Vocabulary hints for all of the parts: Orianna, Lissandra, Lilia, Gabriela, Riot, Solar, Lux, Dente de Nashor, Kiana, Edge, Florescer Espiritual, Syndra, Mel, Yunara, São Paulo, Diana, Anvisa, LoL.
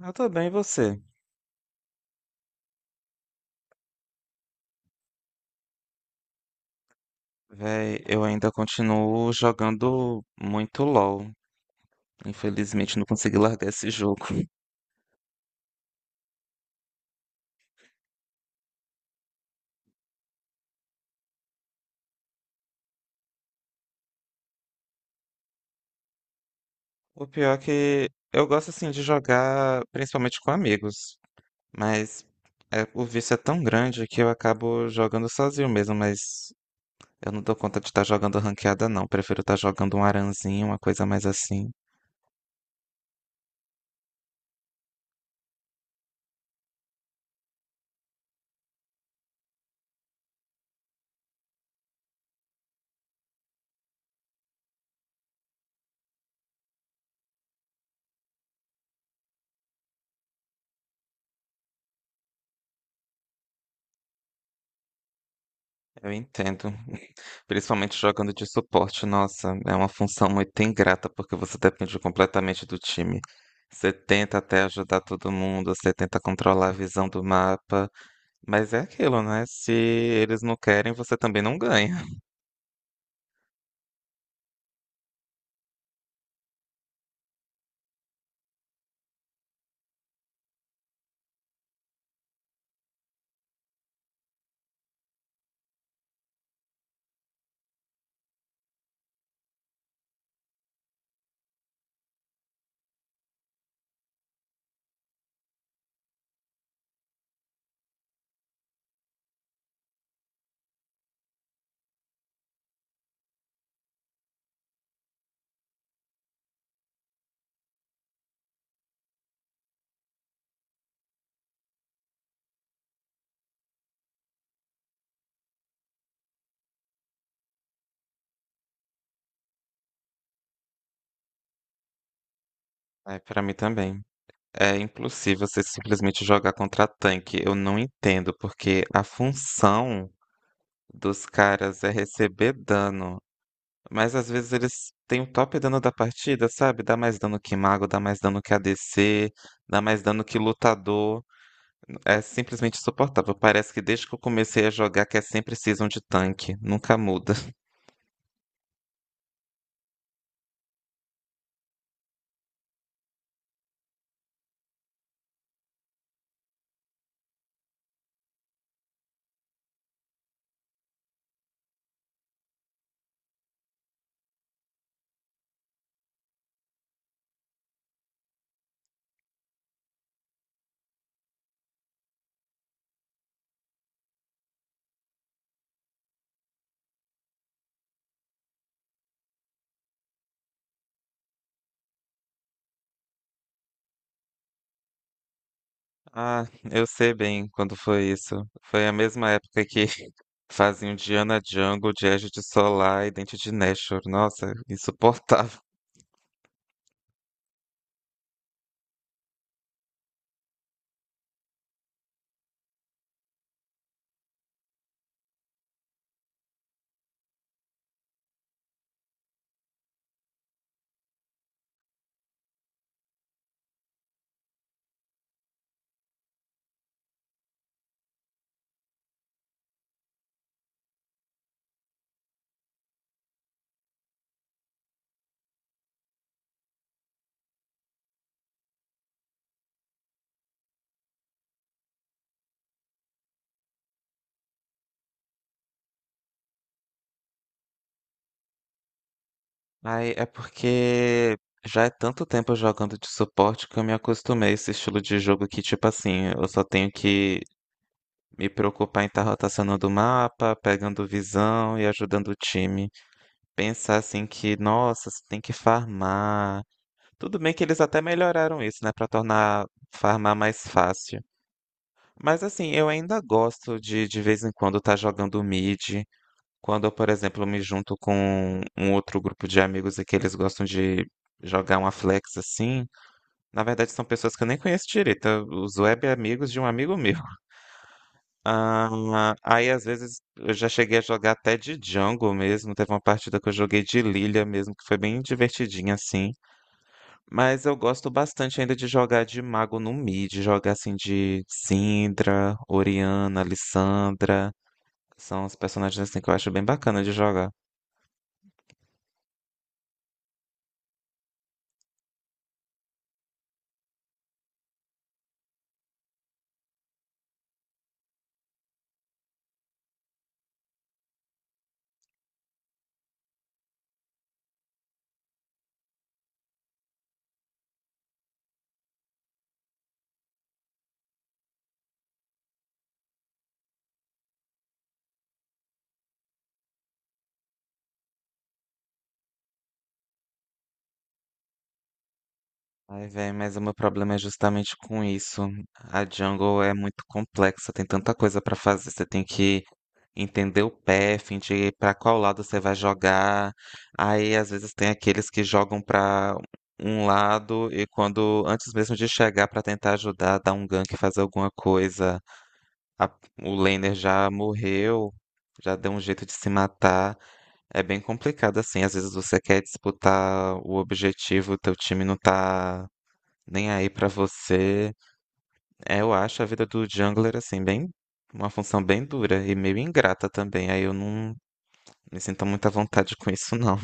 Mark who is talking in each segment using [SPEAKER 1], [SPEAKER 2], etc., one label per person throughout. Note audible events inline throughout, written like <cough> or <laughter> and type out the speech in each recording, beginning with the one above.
[SPEAKER 1] Eu tô bem, e você? Véi, eu ainda continuo jogando muito LoL. Infelizmente, não consegui largar esse jogo. O pior é que eu gosto, assim, de jogar principalmente com amigos. Mas o vício é tão grande que eu acabo jogando sozinho mesmo. Mas eu não dou conta de estar jogando ranqueada, não. Prefiro estar jogando um aranzinho, uma coisa mais assim. Eu entendo. <laughs> Principalmente jogando de suporte, nossa, é uma função muito ingrata, porque você depende completamente do time. Você tenta até ajudar todo mundo, você tenta controlar a visão do mapa, mas é aquilo, né? Se eles não querem, você também não ganha. É, para mim também. É impossível você simplesmente jogar contra tanque. Eu não entendo, porque a função dos caras é receber dano. Mas às vezes eles têm o top dano da partida, sabe? Dá mais dano que mago, dá mais dano que ADC, dá mais dano que lutador. É simplesmente insuportável. Parece que desde que eu comecei a jogar que é sempre season de tanque, nunca muda. <laughs> Ah, eu sei bem quando foi isso. Foi a mesma época que <laughs> faziam Diana Jungle, de Edge de Solar e Dente de Nashor. Nossa, insuportável. Ai, é porque já é tanto tempo jogando de suporte que eu me acostumei a esse estilo de jogo que, tipo assim, eu só tenho que me preocupar em estar rotacionando o mapa, pegando visão e ajudando o time. Pensar assim que, nossa, você tem que farmar. Tudo bem que eles até melhoraram isso, né, pra tornar farmar mais fácil. Mas assim, eu ainda gosto de vez em quando estar jogando mid. Quando eu, por exemplo, me junto com um outro grupo de amigos e que eles gostam de jogar uma flex assim, na verdade são pessoas que eu nem conheço direito, é os web amigos de um amigo meu. <laughs> Ah, aí às vezes eu já cheguei a jogar até de jungle mesmo, teve uma partida que eu joguei de Lilia mesmo, que foi bem divertidinha assim. Mas eu gosto bastante ainda de jogar de mago no mid, jogar assim de Syndra, Orianna, Lissandra. São os personagens assim que eu acho bem bacana de jogar. Ai, velho, mas o meu problema é justamente com isso. A jungle é muito complexa, tem tanta coisa pra fazer. Você tem que entender o path, de pra qual lado você vai jogar. Aí, às vezes, tem aqueles que jogam pra um lado e quando, antes mesmo de chegar pra tentar ajudar, dar um gank, fazer alguma coisa, a- o laner já morreu, já deu um jeito de se matar. É bem complicado assim. Às vezes você quer disputar o objetivo, o teu time não tá nem aí pra você. É, eu acho a vida do jungler assim bem uma função bem dura e meio ingrata também. Aí eu não me sinto muito à vontade com isso não.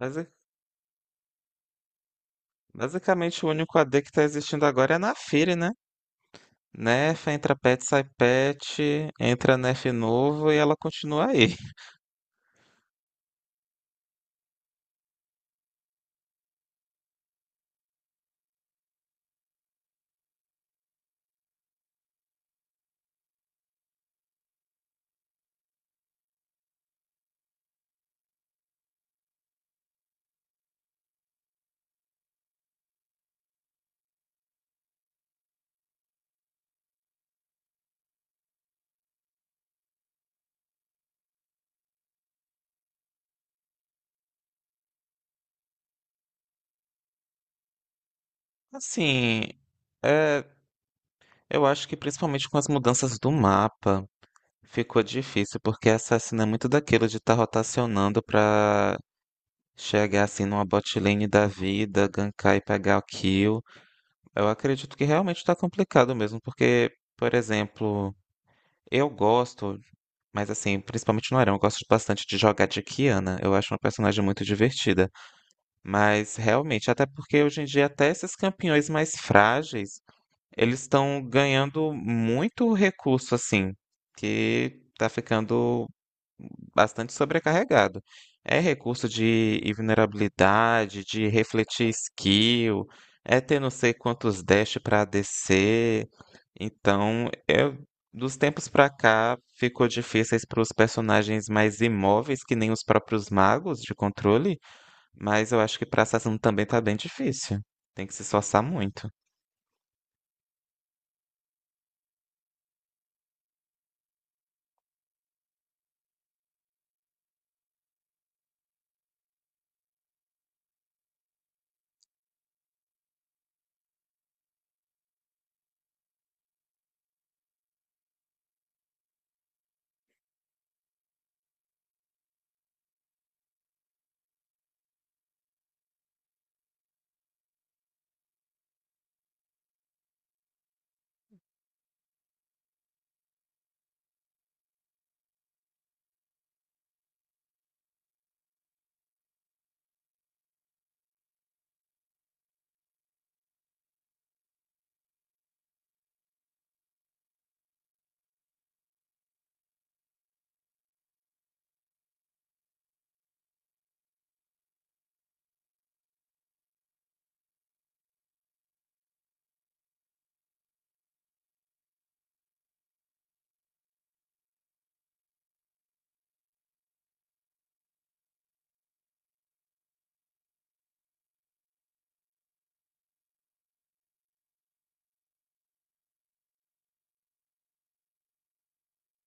[SPEAKER 1] Basi- Basicamente o único AD que tá existindo agora é na Fire, né? Nerf, entra pet, sai pet, entra nerf novo e ela continua aí. <laughs> Assim, é, eu acho que principalmente com as mudanças do mapa ficou difícil, porque assassino é muito daquilo de estar rotacionando pra chegar assim numa bot lane da vida, gankar e pegar o kill. Eu acredito que realmente tá complicado mesmo, porque, por exemplo, eu gosto, mas assim, principalmente no Arão, eu gosto bastante de jogar de Kiana. Eu acho uma personagem muito divertida. Mas realmente, até porque hoje em dia até esses campeões mais frágeis, eles estão ganhando muito recurso assim, que tá ficando bastante sobrecarregado. É recurso de invulnerabilidade, de refletir skill, é ter não sei quantos dash para descer. Então, eu, dos tempos pra cá, ficou difíceis para os personagens mais imóveis, que nem os próprios magos de controle, mas eu acho que para assassino também tá bem difícil. Tem que se esforçar muito.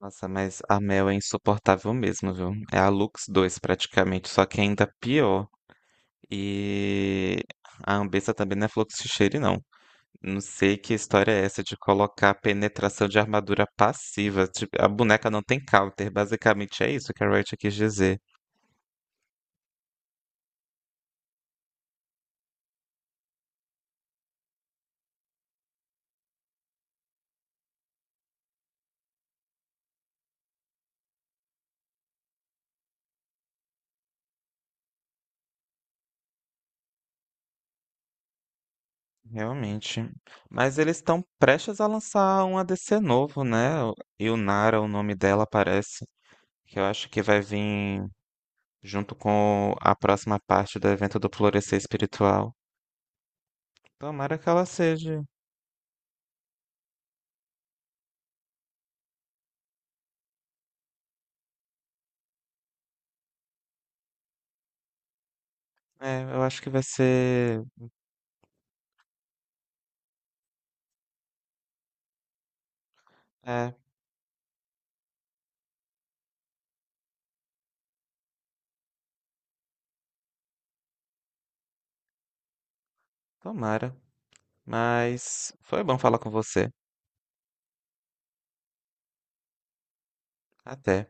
[SPEAKER 1] Nossa, mas a Mel é insuportável mesmo, viu? É a Lux 2 praticamente, só que ainda pior. E a Anvisa também não é fluxo de cheiro, não. Não sei que história é essa de colocar penetração de armadura passiva. Tipo, a boneca não tem counter. Basicamente é isso que a Riot quis dizer. Realmente. Mas eles estão prestes a lançar um ADC novo, né? Yunara, o nome dela, parece. Que eu acho que vai vir junto com a próxima parte do evento do Florescer Espiritual. Tomara que ela seja. É, eu acho que vai ser. É, tomara. Mas foi bom falar com você. Até.